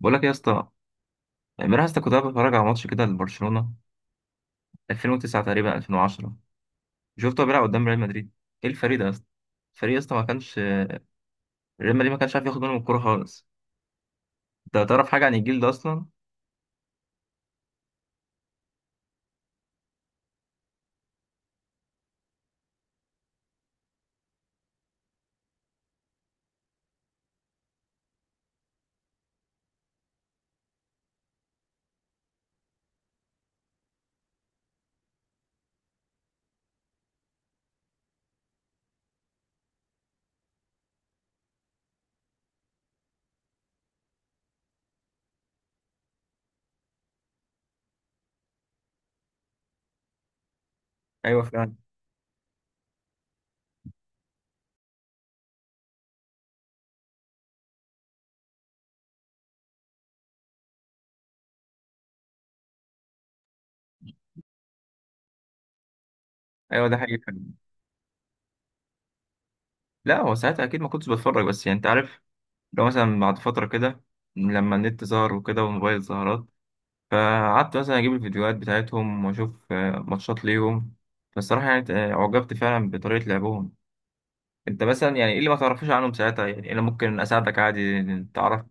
بقول لك يا اسطى. امبارح يا اسطى كنت قاعد بتفرج على ماتش كده لبرشلونه، 2009 تقريبا 2010. شفته بيلعب قدام ريال مدريد. ايه الفريق ده يا اسطى؟ الفريق يا اسطى ما كانش، ريال مدريد ما كانش عارف ياخد منهم الكوره خالص. انت تعرف حاجه عن الجيل ده اصلا؟ ايوه فعلا. ايوه ده حقيقي فعلا. لا، هو ساعتها اكيد ما كنتش بتفرج، بس يعني انت عارف، لو مثلا بعد فتره كده لما النت ظهر وكده والموبايل ظهرت، فقعدت مثلا اجيب الفيديوهات بتاعتهم واشوف ماتشات ليهم. فالصراحه يعني اعجبت فعلا بطريقه لعبهم. انت مثلا يعني ايه اللي ما تعرفوش عنهم ساعتها؟ يعني انا ممكن اساعدك عادي. تعرف.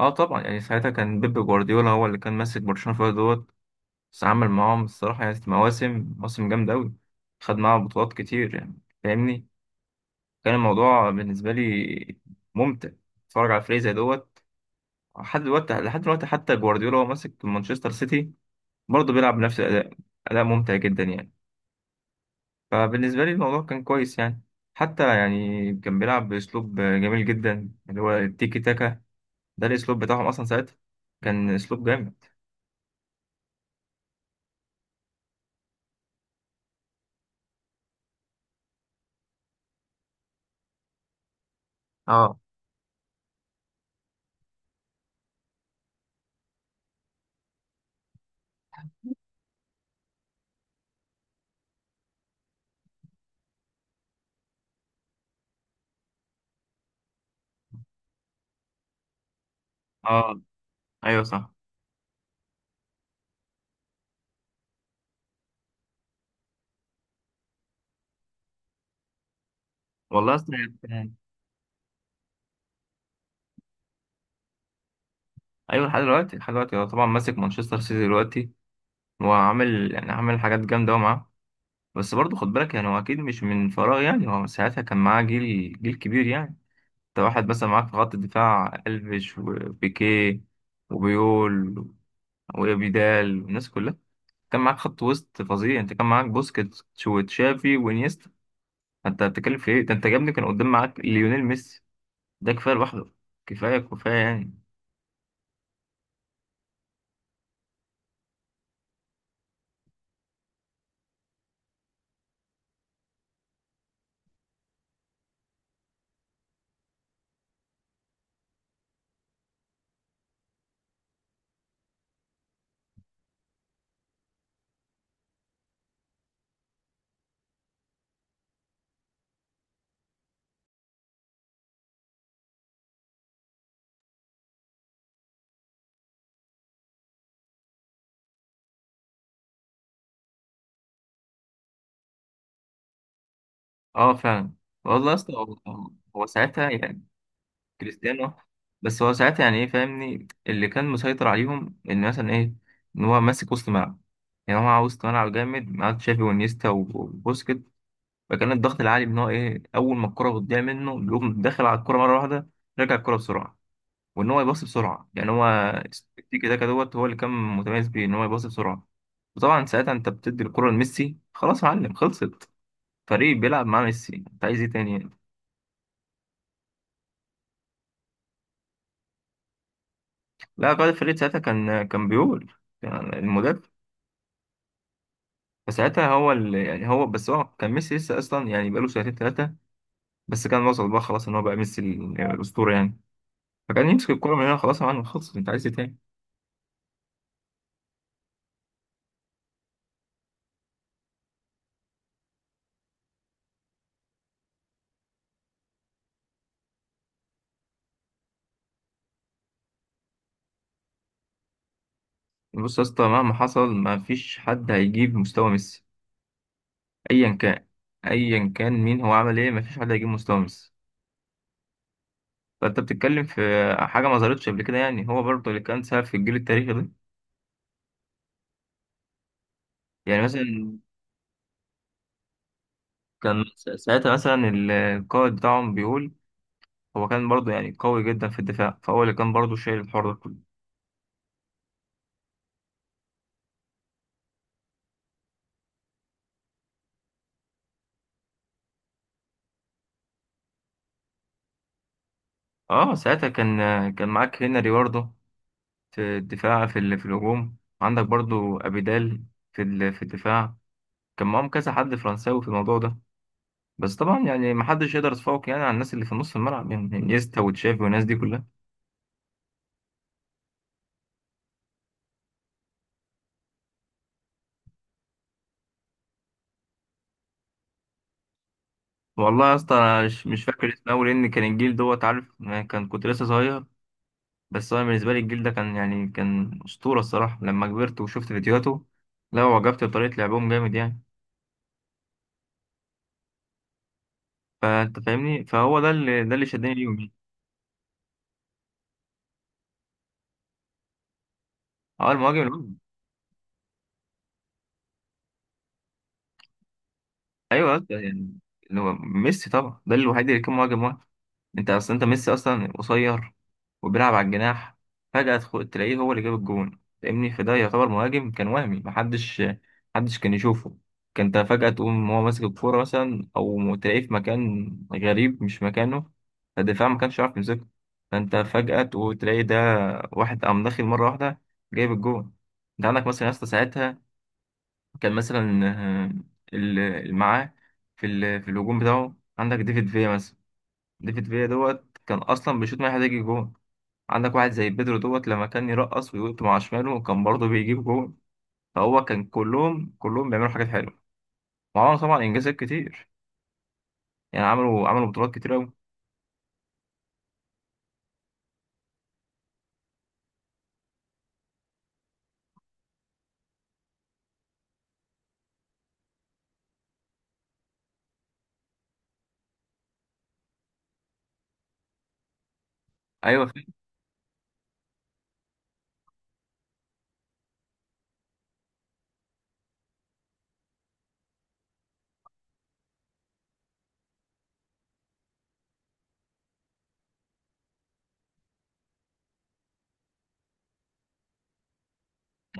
اه طبعا، يعني ساعتها كان بيب جوارديولا هو اللي كان ماسك برشلونة فيها دوت. بس عمل معاهم الصراحة يعني مواسم مواسم جامدة أوي. خد معاهم بطولات كتير يعني، فاهمني. كان الموضوع بالنسبة لي ممتع، اتفرج على فريق زي دوت. لحد دلوقتي لحد دلوقتي حتى جوارديولا هو ماسك مانشستر سيتي، برضه بيلعب بنفس الأداء، أداء ممتع جدا يعني. فبالنسبة لي الموضوع كان كويس يعني. حتى يعني كان بيلعب بأسلوب جميل جدا، اللي هو التيكي تاكا. ده الأسلوب بتاعهم أصلا ساعتها. كان أسلوب جامد. اه. اه. ايوه صح. والله اصلا يعني- ايوه، لحد دلوقتي لحد دلوقتي هو طبعا ماسك مانشستر سيتي دلوقتي. وعامل يعني عامل حاجات جامده أوي معاه. بس برضه خد بالك، يعني هو اكيد مش من فراغ، يعني هو ساعتها كان معاه جيل كبير يعني. انت واحد مثلا معاك في خط الدفاع الفيش وبيكيه وبيول وابيدال والناس كلها. كان معاك خط وسط فظيع، انت كان معاك بوسكيتس وتشافي وانيستا. انت بتتكلم في ايه؟ ده انت جابني، كان قدام معاك ليونيل ميسي. ده كفايه لوحده. كفايه كفايه يعني. اه فعلا. والله اصلا هو ساعتها يعني كريستيانو. بس هو ساعتها يعني ايه فاهمني؟ اللي كان مسيطر عليهم ان مثلا ايه، ان هو ماسك وسط ملعب. يعني هو معاه وسط ملعب جامد، معاه تشافي وانيستا وبوسكيت. فكان الضغط العالي، ان هو ايه، اول ما الكره بتضيع منه بيقوم داخل على الكره مره واحده. رجع الكره بسرعه، وان هو يباصي بسرعه يعني. هو التيكي تاكا دوت هو اللي كان متميز بيه، ان هو يباصي بسرعه. وطبعا ساعتها انت بتدي الكره لميسي، خلاص يا معلم خلصت. فريق بيلعب مع ميسي، انت عايز ايه تاني يعني؟ لا، قائد الفريق ساعتها كان بيقول يعني المدرب. فساعتها هو اللي يعني، هو بس، هو كان ميسي لسه اصلا يعني بقاله سنتين ثلاثه. بس كان وصل بقى خلاص ان هو بقى ميسي الاسطوره يعني. فكان يمسك الكره من هنا، خلاص يا معلم خلصت، انت عايز ايه تاني؟ بص يا اسطى، مهما حصل ما فيش حد هيجيب مستوى ميسي. ايا كان، ايا كان مين، هو عمل ايه، مفيش حد هيجيب مستومس. فانت بتتكلم في حاجه ما ظهرتش قبل كده يعني. هو برضه اللي كان سبب في الجيل التاريخي ده. يعني مثلا كان ساعتها مثلا القائد بتاعهم بيقول، هو كان برضه يعني قوي جدا في الدفاع، فهو اللي كان برضه شايل الحوار ده كله. اه ساعتها كان، كان معاك هنري برضه في الدفاع، في الهجوم عندك برضه ابيدال، في الدفاع كان معاهم كذا حد فرنساوي في الموضوع ده. بس طبعا يعني ما حدش يقدر يتفوق يعني على الناس اللي في نص الملعب، يعني انيستا وتشافي والناس دي كلها. والله يا اسطى انا مش فاكر اسمه قوي، لان كان الجيل دوت عارف أنا، كان كنت لسه صغير. بس انا بالنسبه لي الجيل ده كان يعني كان اسطوره الصراحه لما كبرت وشفت فيديوهاته. لا، وعجبت بطريقه لعبهم جامد يعني. فانت فاهمني، فهو ده اللي شدني ليهم يعني. اه المهاجم، ايوه أصلاً يعني اللي هو ميسي طبعا، ده الوحيد اللي كان مهاجم واحد. انت اصلا، انت ميسي اصلا قصير، وبيلعب على الجناح. فجأة تلاقيه هو اللي جاب الجون. فاهمني، فده يعتبر مهاجم كان وهمي، محدش كان يشوفه. كان انت فجأة تقوم هو ماسك الكورة مثلا، او تلاقيه في مكان غريب مش مكانه. فالدفاع ما كانش عارف يمسكه، فانت فجأة تقوم تلاقي ده واحد قام داخل مرة واحدة جايب الجون. انت عندك مثلا يا اسطى ساعتها كان مثلا آه، اللي معاه في الهجوم بتاعه عندك ديفيد فيا مثلا. ديفيد فيا دوت كان اصلا بيشوط ما يحتاج جون. عندك واحد زي بيدرو دوت، لما كان يرقص ويقط مع شماله كان برضه بيجيب جون. فهو كان كلهم بيعملوا حاجات حلوه، وعملوا طبعا انجازات كتير يعني، عملوا بطولات كتير قوي. ايوه فا-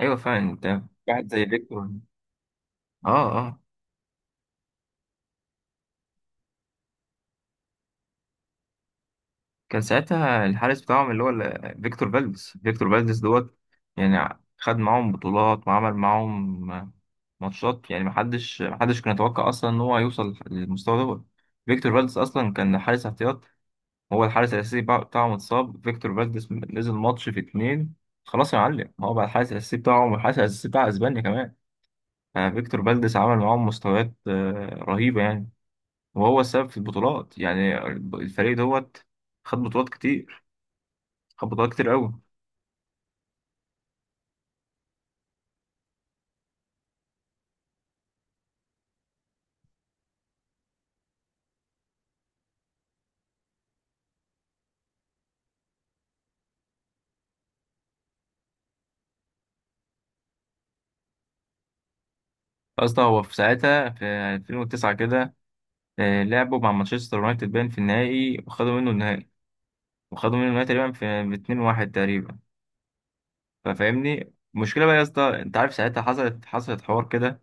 ايوه فعلا. انت واحد زي فيكتور. اه. اه. كان ساعتها الحارس بتاعهم اللي هو فيكتور فالديز، فيكتور فالديز دوت. يعني خد معاهم بطولات وعمل معاهم ماتشات يعني، محدش كان يتوقع اصلا ان هو هيوصل للمستوى دوت. فيكتور فالديز اصلا كان حارس احتياط. هو الحارس الاساسي بتاعهم اتصاب، فيكتور فالديز نزل ماتش في اتنين. خلاص يا معلم، هو بقى الحارس الاساسي بتاعهم والحارس الاساسي بتاع اسبانيا كمان. فيكتور فالديز عمل معاهم مستويات رهيبة يعني. وهو السبب في البطولات يعني. الفريق دوت خد بطولات كتير، خبطات كتير قوي. اصلا هو في ساعتها في 2009 كده، لعبوا مع مانشستر يونايتد باين في النهائي وخدوا منه النهائي. وخدوا منه النهائي تقريبا في ب 2-1 تقريبا. ففاهمني المشكله بقى يا اسطى، انت عارف ساعتها حصلت حوار كده.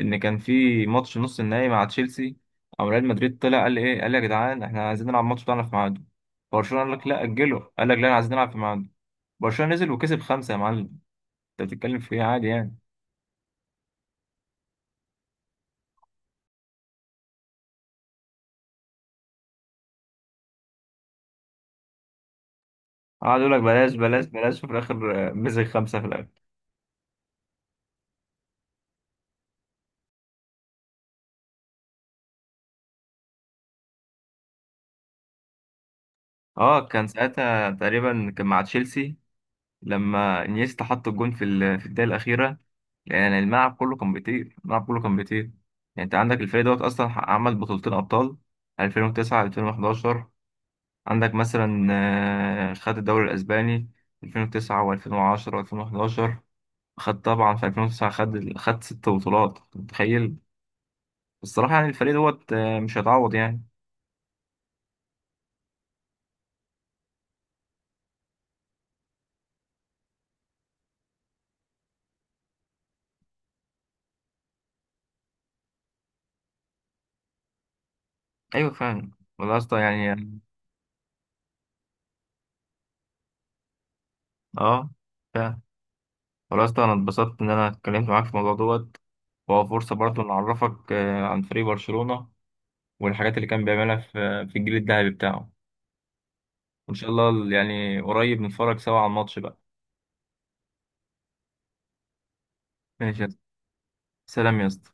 ان كان في ماتش نص النهائي مع تشيلسي، او ريال مدريد طلع قال ايه، قال يا جدعان احنا عايزين نلعب الماتش بتاعنا في ميعاده. برشلونه قال لك لا اجله، قال لك لا انا عايزين نلعب في ميعاده. برشلونه نزل وكسب خمسه يا معلم. انت بتتكلم في ايه عادي يعني. قعد يقول لك بلاش بلاش بلاش، وفي الاخر مسك خمسه في الاخر. اه كان ساعتها تقريبا كان مع تشيلسي، لما انيستا حط الجون في الدقيقه الاخيره. يعني الملعب كله كان بيطير، الملعب كله كان بيطير. يعني انت عندك الفريق دوت اصلا عمل بطولتين ابطال، 2009 2011. عندك مثلا خد الدوري الاسباني 2009 و2010 و2011. خد طبعا في 2009، خد 6 بطولات، أنت متخيل. الصراحه يعني الفريق دوت مش هيتعوض يعني. ايوه فعلا. والله يا اسطى يعني. اه فعلا. خلاص، ده انا اتبسطت ان انا اتكلمت معاك في الموضوع دوت. وهو فرصة برضه نعرفك عن فريق برشلونة. والحاجات اللي كان بيعملها في الجيل الذهبي بتاعه. وان شاء الله يعني قريب نتفرج سوا على الماتش بقى. ماشي يا- سلام يا اسطى.